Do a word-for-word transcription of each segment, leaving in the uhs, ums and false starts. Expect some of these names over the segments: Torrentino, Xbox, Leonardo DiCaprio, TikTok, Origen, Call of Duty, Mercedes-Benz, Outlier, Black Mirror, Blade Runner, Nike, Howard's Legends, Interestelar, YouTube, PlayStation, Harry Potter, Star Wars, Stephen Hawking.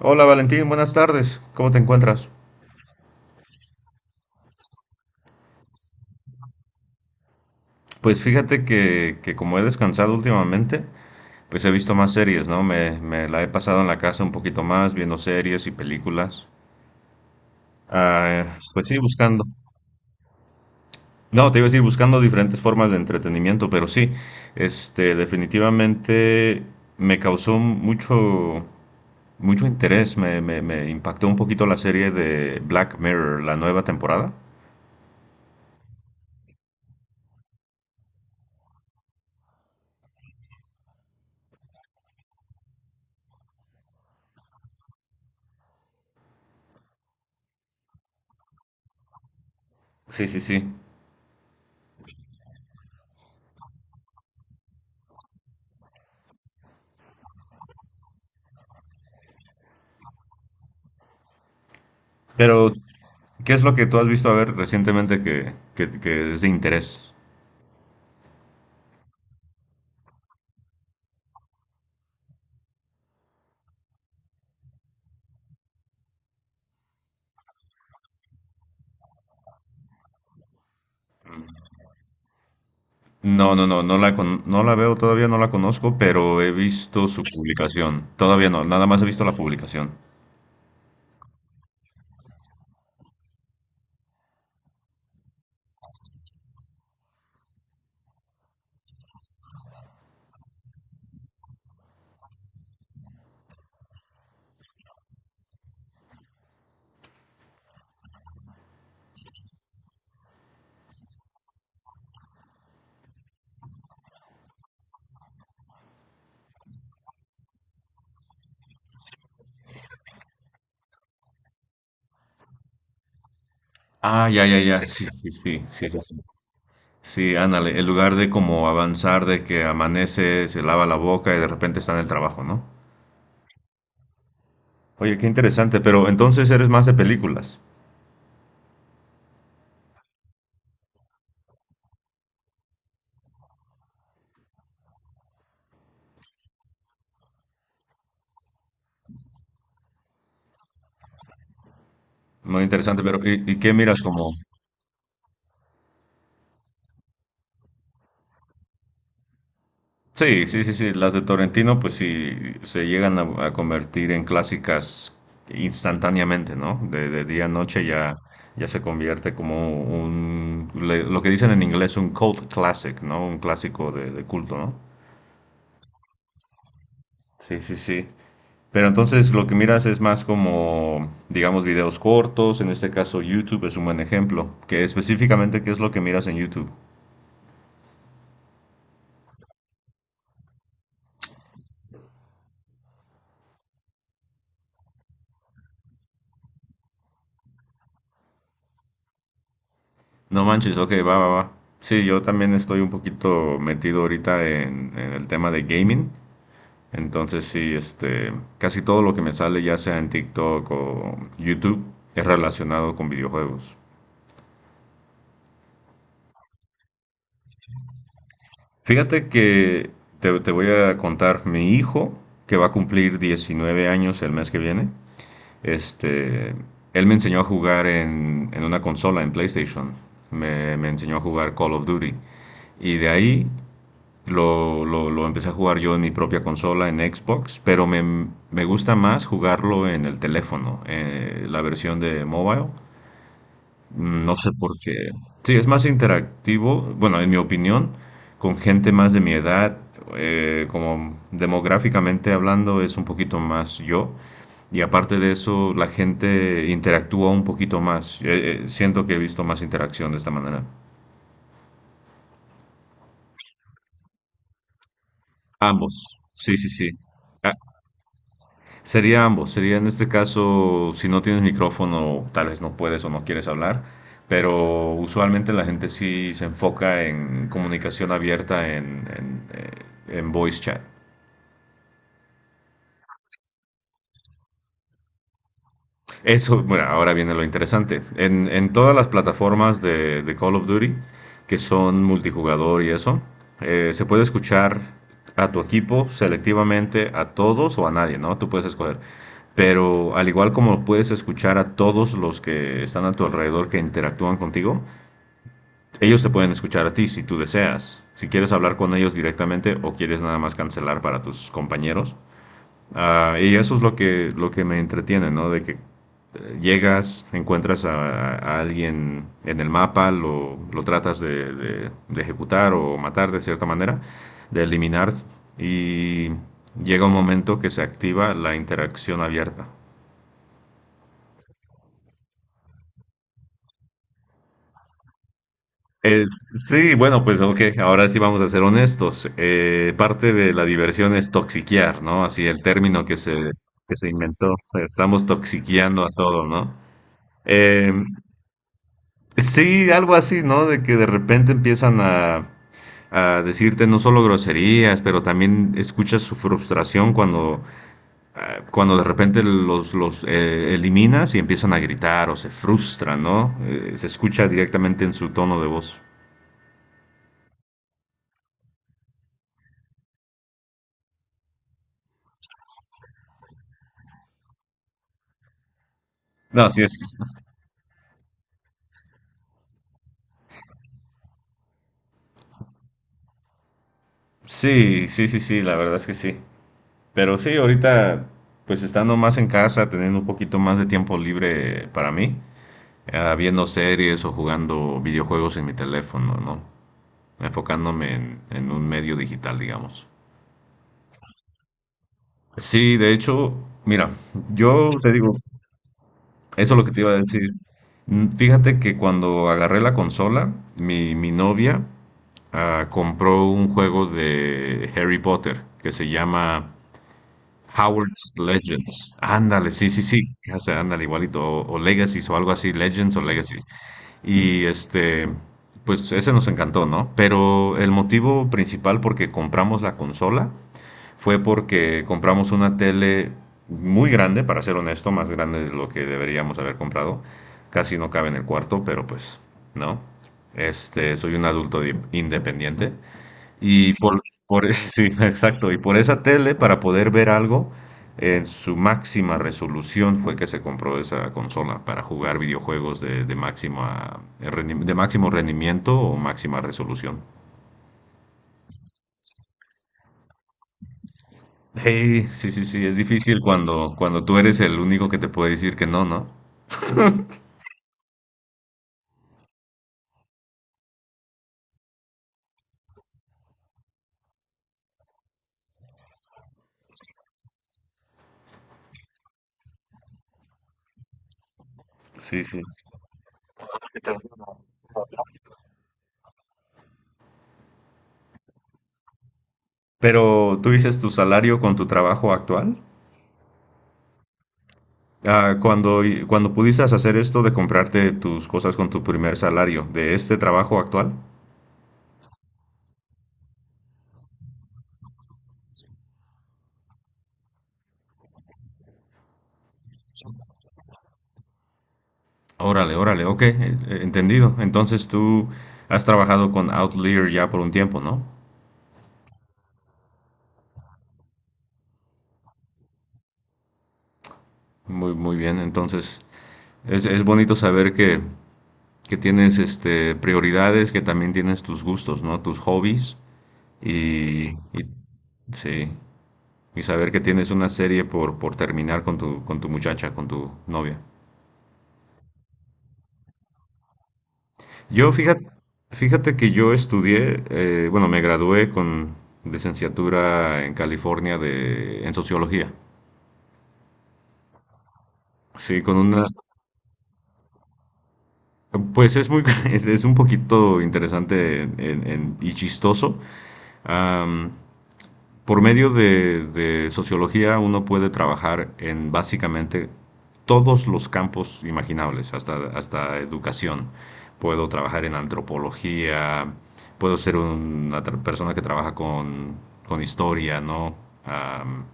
Hola Valentín, buenas tardes. ¿Cómo te encuentras? Pues fíjate que, que como he descansado últimamente, pues he visto más series, ¿no? Me, me la he pasado en la casa un poquito más, viendo series y películas. Ah, pues sí, buscando. No, te iba a decir, buscando diferentes formas de entretenimiento, pero sí, este, definitivamente me causó mucho, mucho interés, me, me, me impactó un poquito la serie de Black Mirror, la nueva temporada. Sí, sí, sí. Pero ¿qué es lo que tú has visto a ver recientemente que, que- que es de interés? No, no, no, no la, con- no la veo todavía, no la conozco, pero he visto su publicación. Todavía no, nada más he visto la publicación. Ah, ya, ya, ya, sí, sí, sí, sí, ya sé. Sí, ándale, en lugar de como avanzar, de que amanece, se lava la boca y de repente está en el trabajo, ¿no? Oye, qué interesante, pero entonces eres más de películas. Muy interesante, pero ¿y, y qué miras como? Sí, sí, sí, sí. Las de Torrentino, pues sí, se llegan a, a convertir en clásicas instantáneamente, ¿no? De, de día a noche ya, ya se convierte como un, le- lo que dicen en inglés, un cult classic, ¿no? Un clásico de, de culto, ¿no? Sí, sí, sí. Pero entonces lo que miras es más como, digamos, videos cortos. En este caso, YouTube es un buen ejemplo. Que específicamente, ¿qué es lo que miras en YouTube? No manches, ok, va, va, va. Sí, yo también estoy un poquito metido ahorita en, en el tema de gaming. Entonces, sí, este, casi todo lo que me sale, ya sea en TikTok o YouTube, es relacionado con videojuegos. Fíjate que te, te voy a contar, mi hijo, que va a cumplir diecinueve años el mes que viene, este, él me enseñó a jugar en, en una consola, en PlayStation. Me, me enseñó a jugar Call of Duty. Y de ahí Lo, lo, lo empecé a jugar yo en mi propia consola, en Xbox, pero me, me gusta más jugarlo en el teléfono, eh, la versión de mobile. Mm, No sé por qué. Sí, es más interactivo, bueno, en mi opinión, con gente más de mi edad, eh, como demográficamente hablando, es un poquito más yo. Y aparte de eso, la gente interactúa un poquito más. Eh, eh, siento que he visto más interacción de esta manera. Ambos. Sí, sí, sí. Ah, sería ambos, sería en este caso, si no tienes micrófono, tal vez no puedes o no quieres hablar, pero usualmente la gente sí se enfoca en comunicación abierta en, en, eh, en voice chat. Eso, bueno, ahora viene lo interesante. En, en todas las plataformas de, de Call of Duty, que son multijugador y eso, eh, se puede escuchar a tu equipo selectivamente, a todos o a nadie, ¿no? Tú puedes escoger. Pero al igual como puedes escuchar a todos los que están a tu alrededor que interactúan contigo, ellos te pueden escuchar a ti si tú deseas. Si quieres hablar con ellos directamente o quieres nada más cancelar para tus compañeros, ah, y eso es lo que, lo que me entretiene, ¿no? De que eh, llegas, encuentras a, a alguien en el mapa, lo, lo tratas de, de- de ejecutar o matar de cierta manera, de eliminar, y llega un momento que se activa la interacción abierta. Es- sí, bueno, pues ok, ahora sí vamos a ser honestos. Eh, parte de la diversión es toxiquear, ¿no? Así el término que se, que se inventó. Estamos toxiqueando a todo, ¿no? Em, sí, algo así, ¿no? De que de repente empiezan a, a decirte no solo groserías, pero también escuchas su frustración cuando, ah, cuando de repente los, los eh, eliminas y empiezan a gritar o se frustran, ¿no? Eh, se escucha directamente en su tono de voz. No, sí, es. Sí, sí, sí, sí, la verdad es que sí. Pero sí, ahorita, pues estando más en casa, teniendo un poquito más de tiempo libre para mí, ah, viendo series o jugando videojuegos en mi teléfono, ¿no? Enfocándome en, en un medio digital, digamos. Sí, de hecho, mira, yo te digo, eso es lo que te iba a decir. Mm, Fíjate que cuando agarré la consola, mi, mi novia ah, compró un juego de Harry Potter que se llama Howard's Legends. Ándale, sí, sí, sí, o sea, ándale igualito, o, o Legacy o algo así, Legends o Legacy. Y este, pues ese nos encantó, ¿no? Pero el motivo principal por qué compramos la consola fue porque compramos una tele muy grande, para ser honesto, más grande de lo que deberíamos haber comprado. Casi no cabe en el cuarto, pero pues no. Este, soy un adulto di- independiente y por, por sí, exacto, y por esa tele para poder ver algo en su máxima resolución fue que se compró esa consola para jugar videojuegos de, de máxima rendi- de máximo rendimiento o máxima resolución. Hey, sí, sí, sí, es difícil cuando, cuando tú eres el único que te puede decir que no, ¿no? Sí, sí. Pero tú dices tu salario con tu trabajo actual. Ah, cuando, y- cuando pudiste hacer esto de comprarte tus cosas con tu primer salario de este trabajo actual. Órale, órale, ok, eh, eh, entendido. Entonces tú has trabajado con Outlier ya por un tiempo, ¿no? Muy, muy bien. Entonces es, es bonito saber que, que tienes este, prioridades, que también tienes tus gustos, ¿no? Tus hobbies. Y, y- sí, y saber que tienes una serie por, por terminar con tu, con tu muchacha, con tu novia. Yo, fíjate, fíjate que yo estudié, eh, bueno, me gradué con licenciatura en California de, en sociología. Sí, con una, pues es muy, es, es un poquito interesante en- en- y chistoso. Am, Por medio de, de sociología uno puede trabajar en básicamente todos los campos imaginables, hasta, hasta educación. Puedo trabajar en antropología, puedo ser una tra- persona que trabaja con, con historia, ¿no? Am,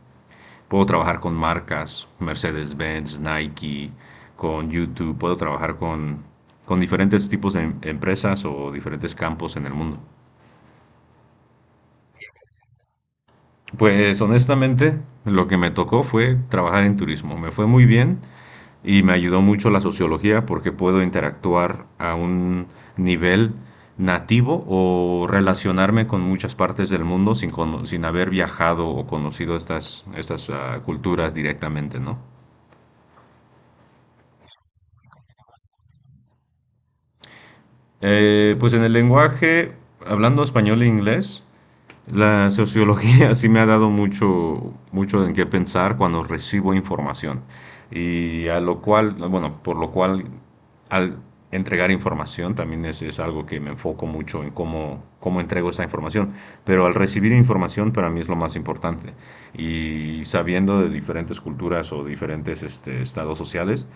puedo trabajar con marcas, Mercedes-Benz, Nike, con YouTube, puedo trabajar con, con diferentes tipos de em- empresas o diferentes campos en el mundo. Pues honestamente, lo que me tocó fue trabajar en turismo. Me fue muy bien y me ayudó mucho la sociología porque puedo interactuar a un nivel nativo o relacionarme con muchas partes del mundo sin, cono- sin haber viajado o conocido estas, estas ah, culturas directamente, ¿no? Eh, pues en el lenguaje, hablando español e inglés, la sociología sí me ha dado mucho, mucho en qué pensar cuando recibo información. Y a lo cual, bueno, por lo cual al entregar información también es, es algo que me enfoco mucho en cómo, cómo entrego esa información. Pero al recibir información para mí es lo más importante. Y sabiendo de diferentes culturas o diferentes este, estados sociales,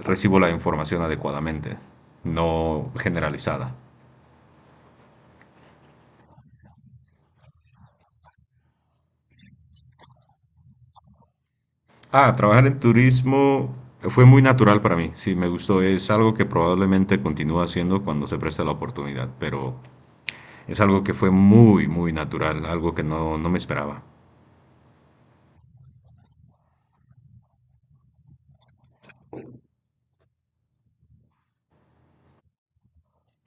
recibo la información adecuadamente, no generalizada. Ah, trabajar en turismo fue muy natural para mí, sí, me gustó, es algo que probablemente continúe haciendo cuando se presta la oportunidad, pero es algo que fue muy, muy natural, algo que no, no me esperaba.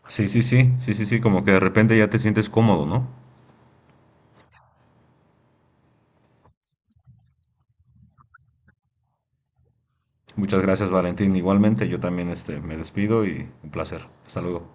Sí, sí, sí, sí, sí, sí, como que de repente ya te sientes cómodo, ¿no? Muchas gracias, Valentín. Igualmente, yo también este, me despido y un placer. Hasta luego.